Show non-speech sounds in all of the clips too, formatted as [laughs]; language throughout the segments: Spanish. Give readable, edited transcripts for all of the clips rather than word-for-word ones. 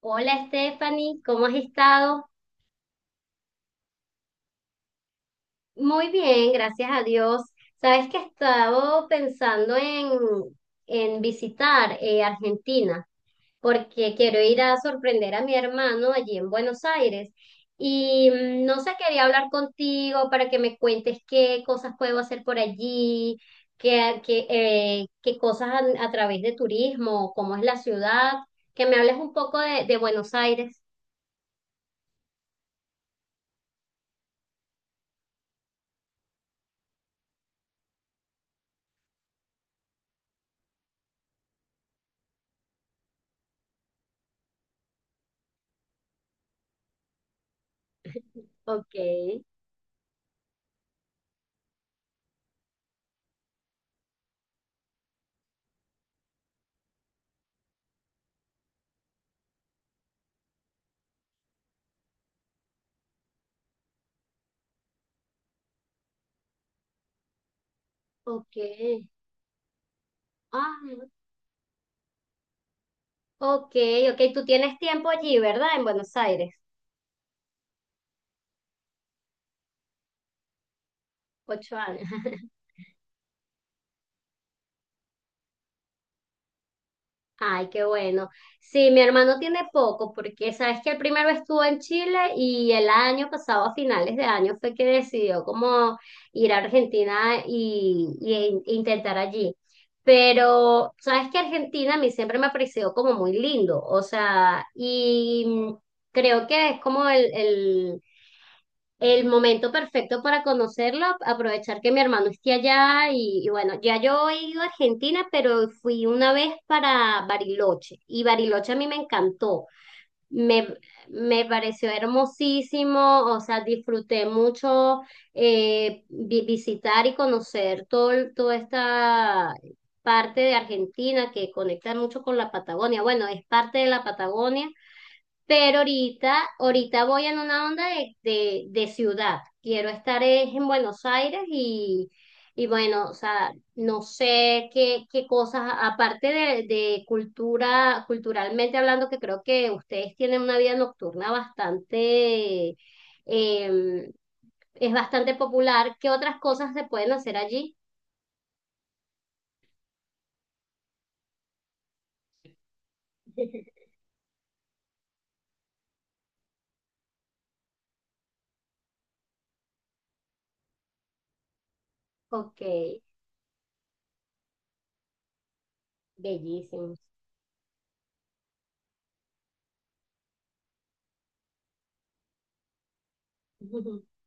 Hola Stephanie, ¿cómo has estado? Muy bien, gracias a Dios. Sabes que he estado pensando en visitar Argentina porque quiero ir a sorprender a mi hermano allí en Buenos Aires. Y no sé, quería hablar contigo para que me cuentes qué cosas puedo hacer por allí, qué cosas a través de turismo, cómo es la ciudad, que me hables un poco de Buenos Aires. Ok, ok. Ah, ok, ok, tú tienes tiempo allí, ¿verdad? En Buenos Aires, 8 años. [laughs] Ay, qué bueno. Sí, mi hermano tiene poco, porque sabes que el primero estuvo en Chile y el año pasado, a finales de año, fue que decidió como ir a Argentina e intentar allí. Pero sabes que Argentina a mí siempre me ha parecido como muy lindo, o sea, y creo que es como el momento perfecto para conocerlo, aprovechar que mi hermano esté allá y bueno, ya yo he ido a Argentina, pero fui una vez para Bariloche y Bariloche a mí me encantó, me, me pareció hermosísimo, o sea, disfruté mucho visitar y conocer todo, toda esta parte de Argentina que conecta mucho con la Patagonia. Bueno, es parte de la Patagonia, pero ahorita voy en una onda de ciudad. Quiero estar es en Buenos Aires y bueno, o sea, no sé qué cosas, aparte de cultura, culturalmente hablando, que creo que ustedes tienen una vida nocturna eh, es bastante popular. ¿Qué otras cosas se pueden hacer allí? [laughs] Ok, bellísimo. [laughs]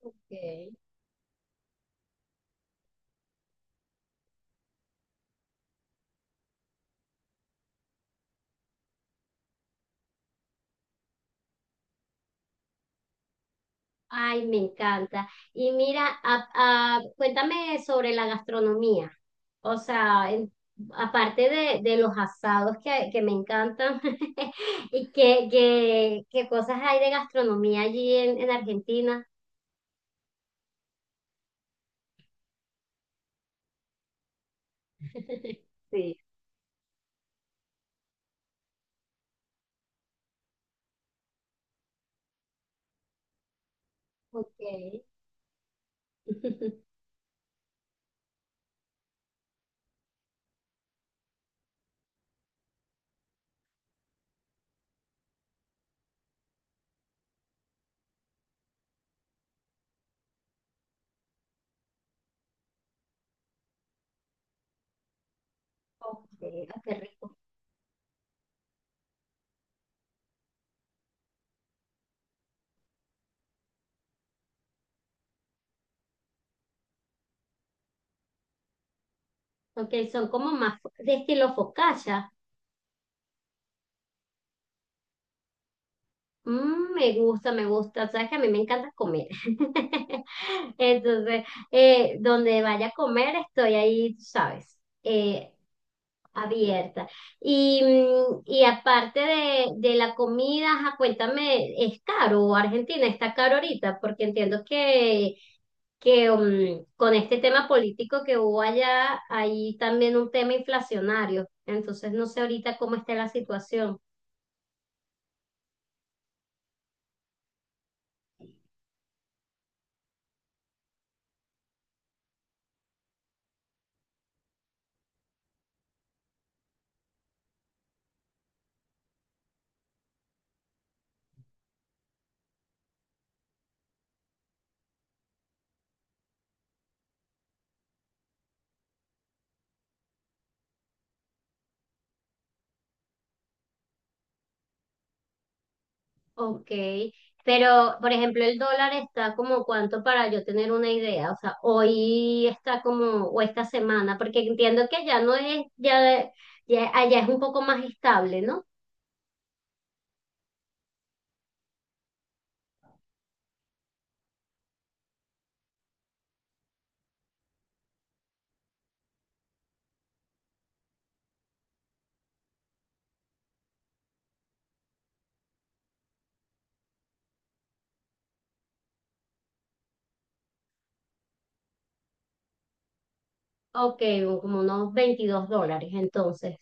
Ok. Ay, me encanta. Y mira, cuéntame sobre la gastronomía. O sea, aparte de los asados que me encantan. [laughs] ¿Y qué cosas hay de gastronomía allí en Argentina? [laughs] Sí. Ok. [laughs] Ok, ah, qué rico. Ok, son como más de estilo focaccia. Mm, me gusta, me gusta. Sabes que a mí me encanta comer. [laughs] Entonces, donde vaya a comer, estoy ahí, tú sabes, eh, abierta. Y, y aparte de la comida, ajá, cuéntame, ¿es caro? Argentina está caro ahorita, porque entiendo que con este tema político que hubo allá, hay también un tema inflacionario. Entonces, no sé ahorita cómo está la situación. Ok, pero por ejemplo el dólar está como cuánto para yo tener una idea, o sea, hoy está como, o esta semana, porque entiendo que ya no es, ya allá es un poco más estable, ¿no? Ok, como unos 22 dólares entonces.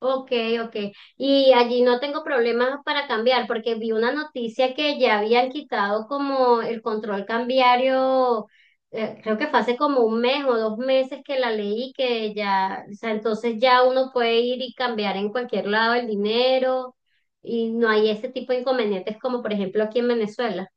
Ok, ok. Y allí no tengo problemas para cambiar, porque vi una noticia que ya habían quitado como el control cambiario, creo que fue hace como un mes o dos meses que la leí, que ya, o sea, entonces ya uno puede ir y cambiar en cualquier lado el dinero y no hay ese tipo de inconvenientes como por ejemplo aquí en Venezuela.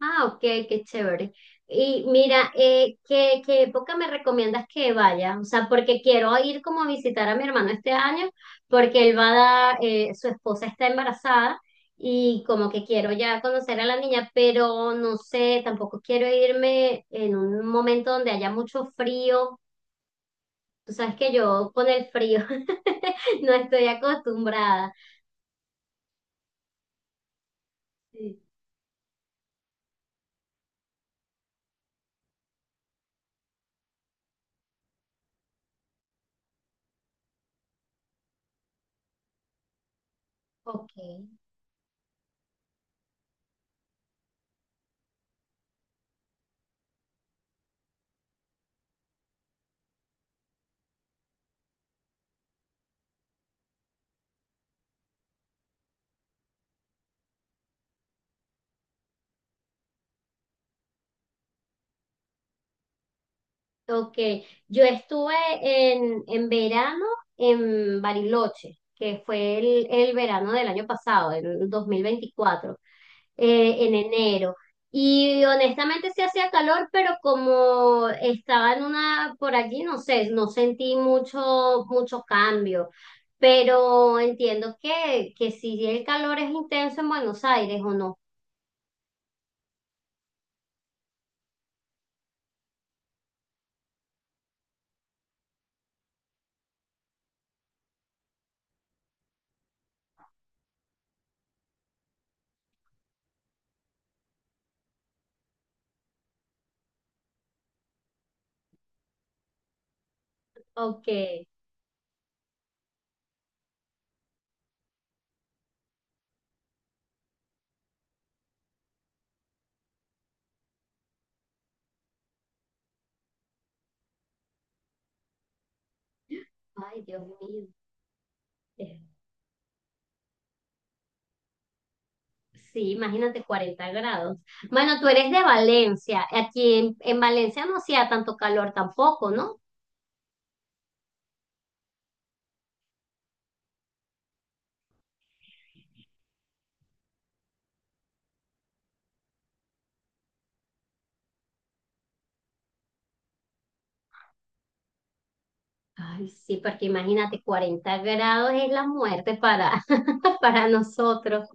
Ah, ok, qué chévere. Y mira, ¿qué época me recomiendas que vaya? O sea, porque quiero ir como a visitar a mi hermano este año, porque él va a dar, su esposa está embarazada y como que quiero ya conocer a la niña, pero no sé, tampoco quiero irme en un momento donde haya mucho frío. Tú sabes que yo con el frío [laughs] no estoy acostumbrada. Sí. Ok. Ok, yo estuve en verano en Bariloche, que fue el verano del año pasado, el 2024, en enero. Y honestamente sí hacía calor, pero como estaba en una, por allí, no sé, no sentí mucho cambio. Pero entiendo que si el calor es intenso en Buenos Aires o no. Ok, ay Dios mío. Sí, imagínate 40 grados. Bueno, tú eres de Valencia. Aquí en Valencia no hacía tanto calor tampoco, ¿no? Ay, sí, porque imagínate, 40 grados es la muerte para, [laughs] para nosotros.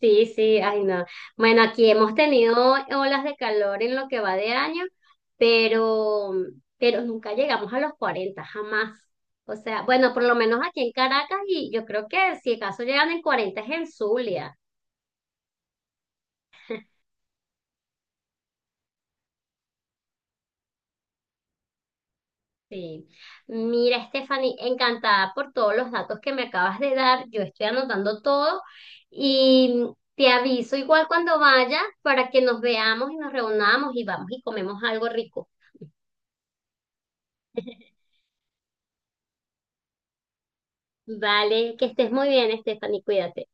Sí, sí, ay no. Bueno, aquí hemos tenido olas de calor en lo que va de año, pero, pero nunca llegamos a los 40, jamás. O sea, bueno, por lo menos aquí en Caracas, y yo creo que si acaso llegan en 40 es en Zulia. Sí. Mira, Stephanie, encantada por todos los datos que me acabas de dar. Yo estoy anotando todo y te aviso igual cuando vaya para que nos veamos y nos reunamos y vamos y comemos algo rico. Vale, que estés muy bien, Stephanie, cuídate.